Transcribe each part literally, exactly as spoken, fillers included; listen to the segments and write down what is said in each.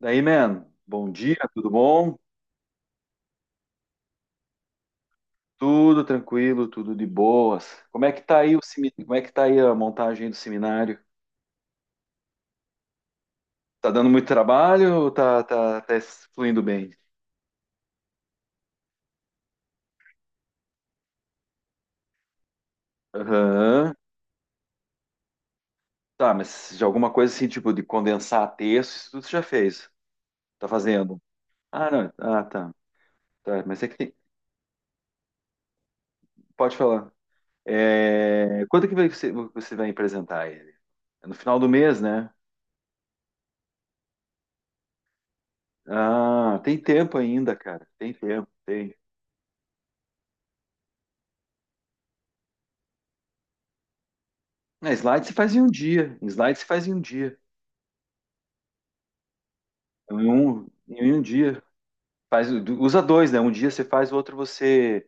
Daí, man, bom dia, tudo bom? Tudo tranquilo, tudo de boas. Como é que tá aí o semi... como é que tá aí a montagem do seminário? Tá dando muito trabalho ou tá, tá, tá fluindo bem? Aham. Tá, mas de alguma coisa assim, tipo, de condensar texto, isso tudo você já fez. Tá fazendo? Ah, não. Ah, tá. Tá, mas é que tem... Pode falar. É... Quando que vai- você, você vai apresentar ele? É no final do mês, né? Ah, tem tempo ainda, cara. Tem tempo, tem. Na slide se faz em um dia. Em slide se faz em um dia. Então, em um, em um dia. Faz, usa dois, né? Um dia você faz, o outro você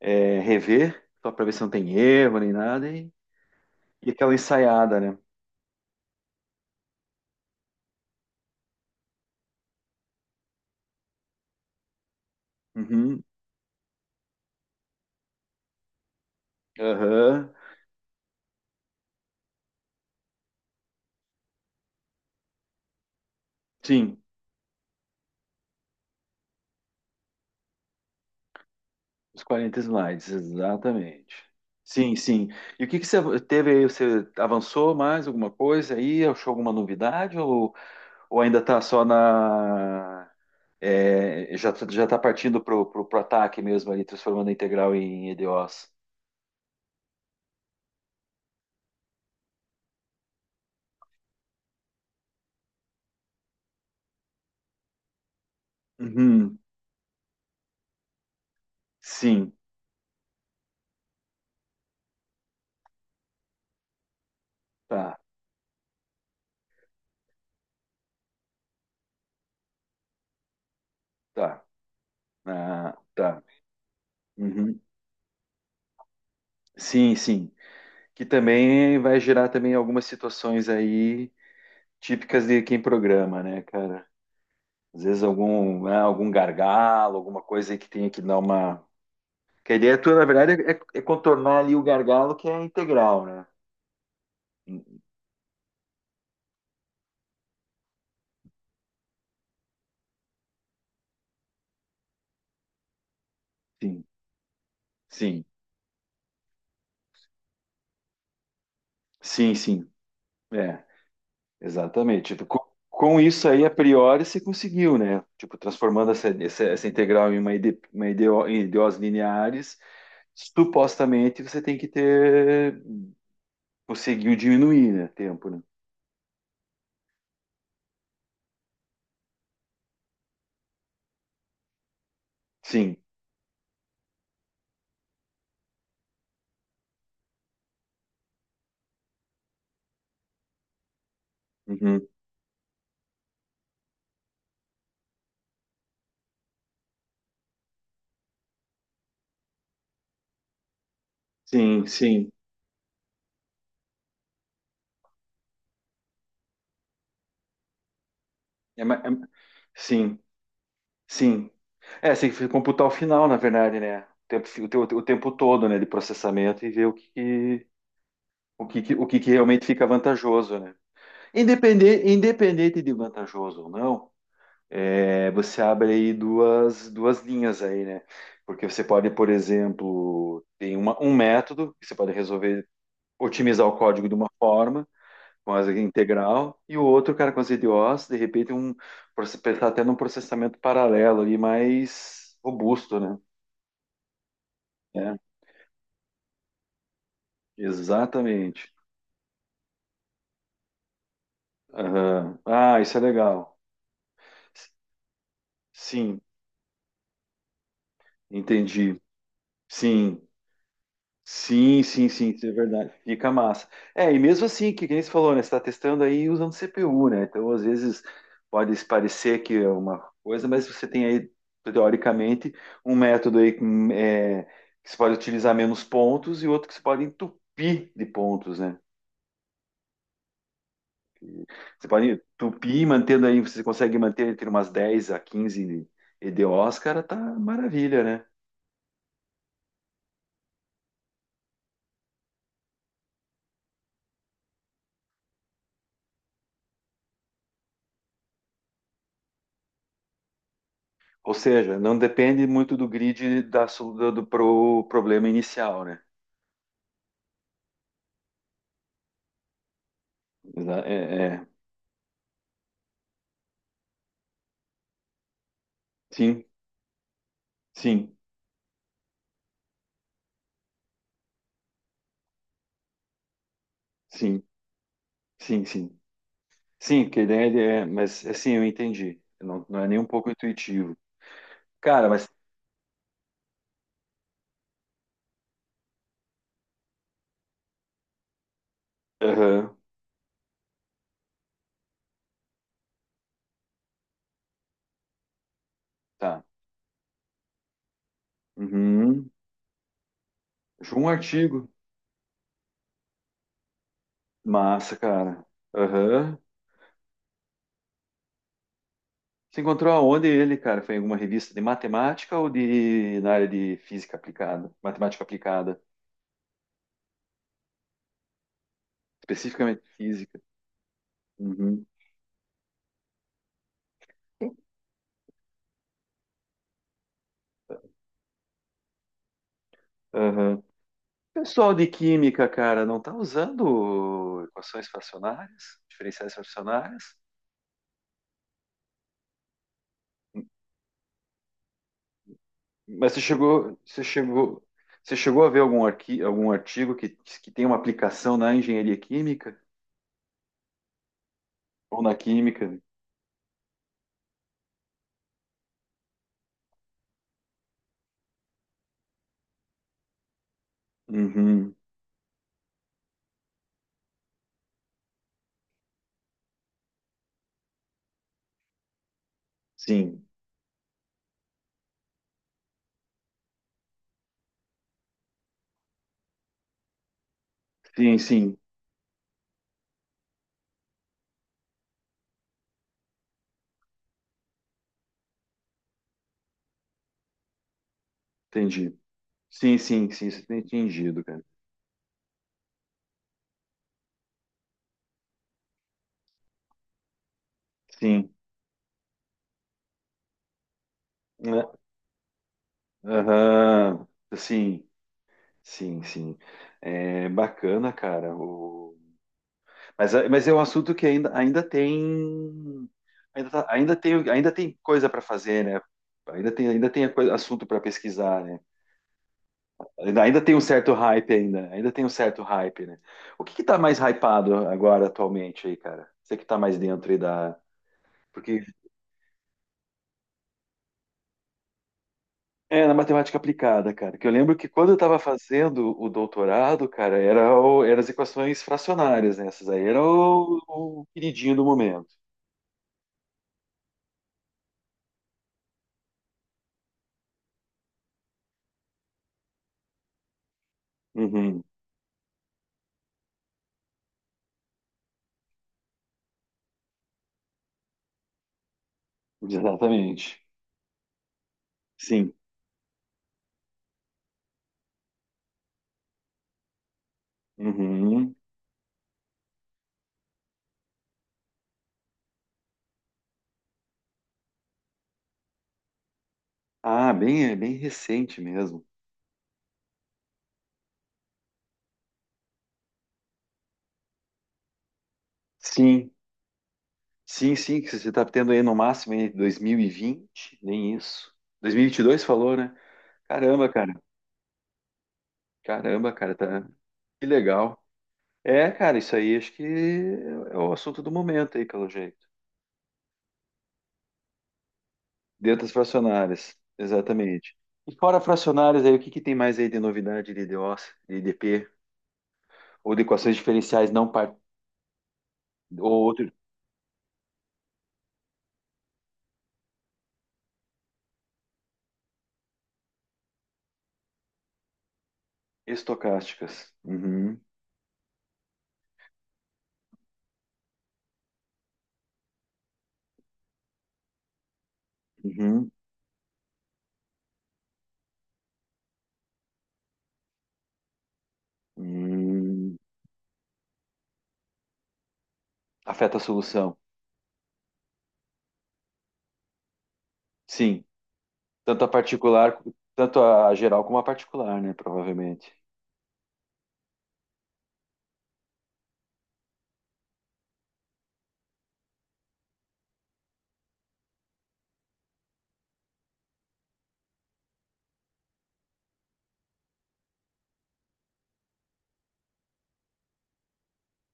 é, rever, só para ver se não tem erro nem nada. E, e aquela ensaiada, né? Uhum, aham. Sim, os quarenta slides, exatamente. Sim, sim. E o que que você teve aí? Você avançou mais alguma coisa aí? Achou alguma novidade? Ou, ou ainda está só na... É, já tá- já está partindo pro, pro, pro ataque mesmo ali, transformando a integral em E D Os. Uhum, sim, tá, tá, ah, tá. Uhum, sim, sim. Que também vai gerar também algumas situações aí típicas de quem programa, né, cara? Às vezes algum, né, algum gargalo, alguma coisa aí que tenha que dar uma. Que a ideia tua, na verdade, é, é contornar ali o gargalo que é a integral, né? Sim, sim, sim, sim. É. Exatamente. Tipo, co- com isso aí, a priori, se conseguiu, né? Tipo, transformando essa, essa, essa integral em uma, ide, uma ideo- em ideós lineares, supostamente você tem que ter, conseguiu diminuir, né? Tempo, né? Sim. Uhum. Sim, sim. É, ma- é, sim, sim. É, você tem que computar o final, na verdade, né? O tempo, fi- o, teu- o tempo todo, né, de processamento e ver o que, que- o que, que- o que que realmente fica vantajoso, né? Independente, independente de vantajoso ou não, é, você abre aí duas, duas linhas aí, né? Porque você pode, por exemplo, tem uma, um método que você pode resolver otimizar o código de uma forma, com asa integral, e o outro, cara, com as I D Os, de repente, um, pensar até num processamento paralelo ali mais robusto, né? É, exatamente. Aham. Ah, isso é legal. S- sim, entendi. Sim, sim, sim, sim, isso é verdade. Fica massa. É, e mesmo assim, que, que nem você falou, né? Você está testando aí usando C P U, né? Então, às vezes, pode parecer que é uma coisa, mas você tem aí, teoricamente, um método aí com, é, que você pode utilizar menos pontos e outro que você pode entupir de pontos, né? Você pode entupir, mantendo aí, você consegue manter entre umas dez a 15 E D Os, cara, tá maravilha, né? Ou seja, não depende muito do grid da, solu- do, do pro problema inicial, né? Exa- é, é. Sim, sim, sim, sim, sim. Sim, que a ideia é, mas assim, eu entendi. Não, não é nem um pouco intuitivo. Cara, mas... Aham, tá. Uhum. Achou um artigo. Massa, cara. Aham. Você encontrou aonde ele, cara? Foi em alguma revista de matemática ou de na área de física aplicada? Matemática aplicada, especificamente física. Uhum. Aham. Pessoal de química, cara, não tá usando equações fracionárias, diferenciais fracionárias? Mas você chegou, você chegou, você chegou a ver algum, arqui, algum artigo que, que tem uma aplicação na engenharia química ou na química? Uhum, sim, sim, sim, entendi. Sim, sim, sim, você tem entendido, cara. Sim, né? Aham, sim, sim, sim. É bacana, cara. O... Mas, é- mas é um assunto que ainda, ainda tem, ainda, tá- ainda tem, ainda tem coisa para fazer, né? Ainda tem, ainda tem a coisa- assunto para pesquisar, né? Ainda ainda tem um certo hype ainda, ainda tem um certo hype, né? O que que tá mais hypado agora atualmente aí, cara? Você que tá mais dentro aí da... Porque é na matemática aplicada, cara, que eu lembro que quando eu tava fazendo o doutorado, cara, era o- eram as equações fracionárias, né? Essas aí era o, o queridinho do momento. Uhum, exatamente. Sim. Uhum. Ah, bem, é bem recente mesmo. Sim, sim, sim, que você está tendo aí no máximo aí dois mil e vinte, nem isso. dois mil e vinte e dois falou, né? Caramba, cara. Caramba, cara, tá. Que legal. É, cara, isso aí acho que é o assunto do momento aí, pelo jeito. Dentro das fracionárias, exatamente. E fora fracionárias aí, o que que tem mais aí de novidade de I D Os, de I D P, ou de equações diferenciais não par... ou outro estocásticas? Uhum, uhum, uhum. Afeta a solução. Sim, tanto a particular, tanto a geral como a particular, né? Provavelmente.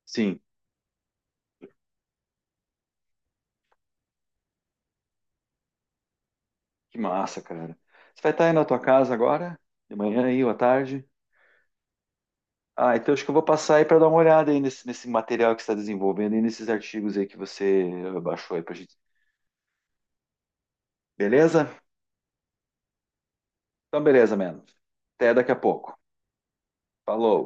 Sim, que massa, cara. Você vai estar aí na tua casa agora? De manhã aí, ou à tarde? Ah, então acho que eu vou passar aí para dar uma olhada aí nesse, nesse material que você está desenvolvendo e nesses artigos aí que você baixou aí pra gente. Beleza? Então, beleza, mano. Até daqui a pouco. Falou.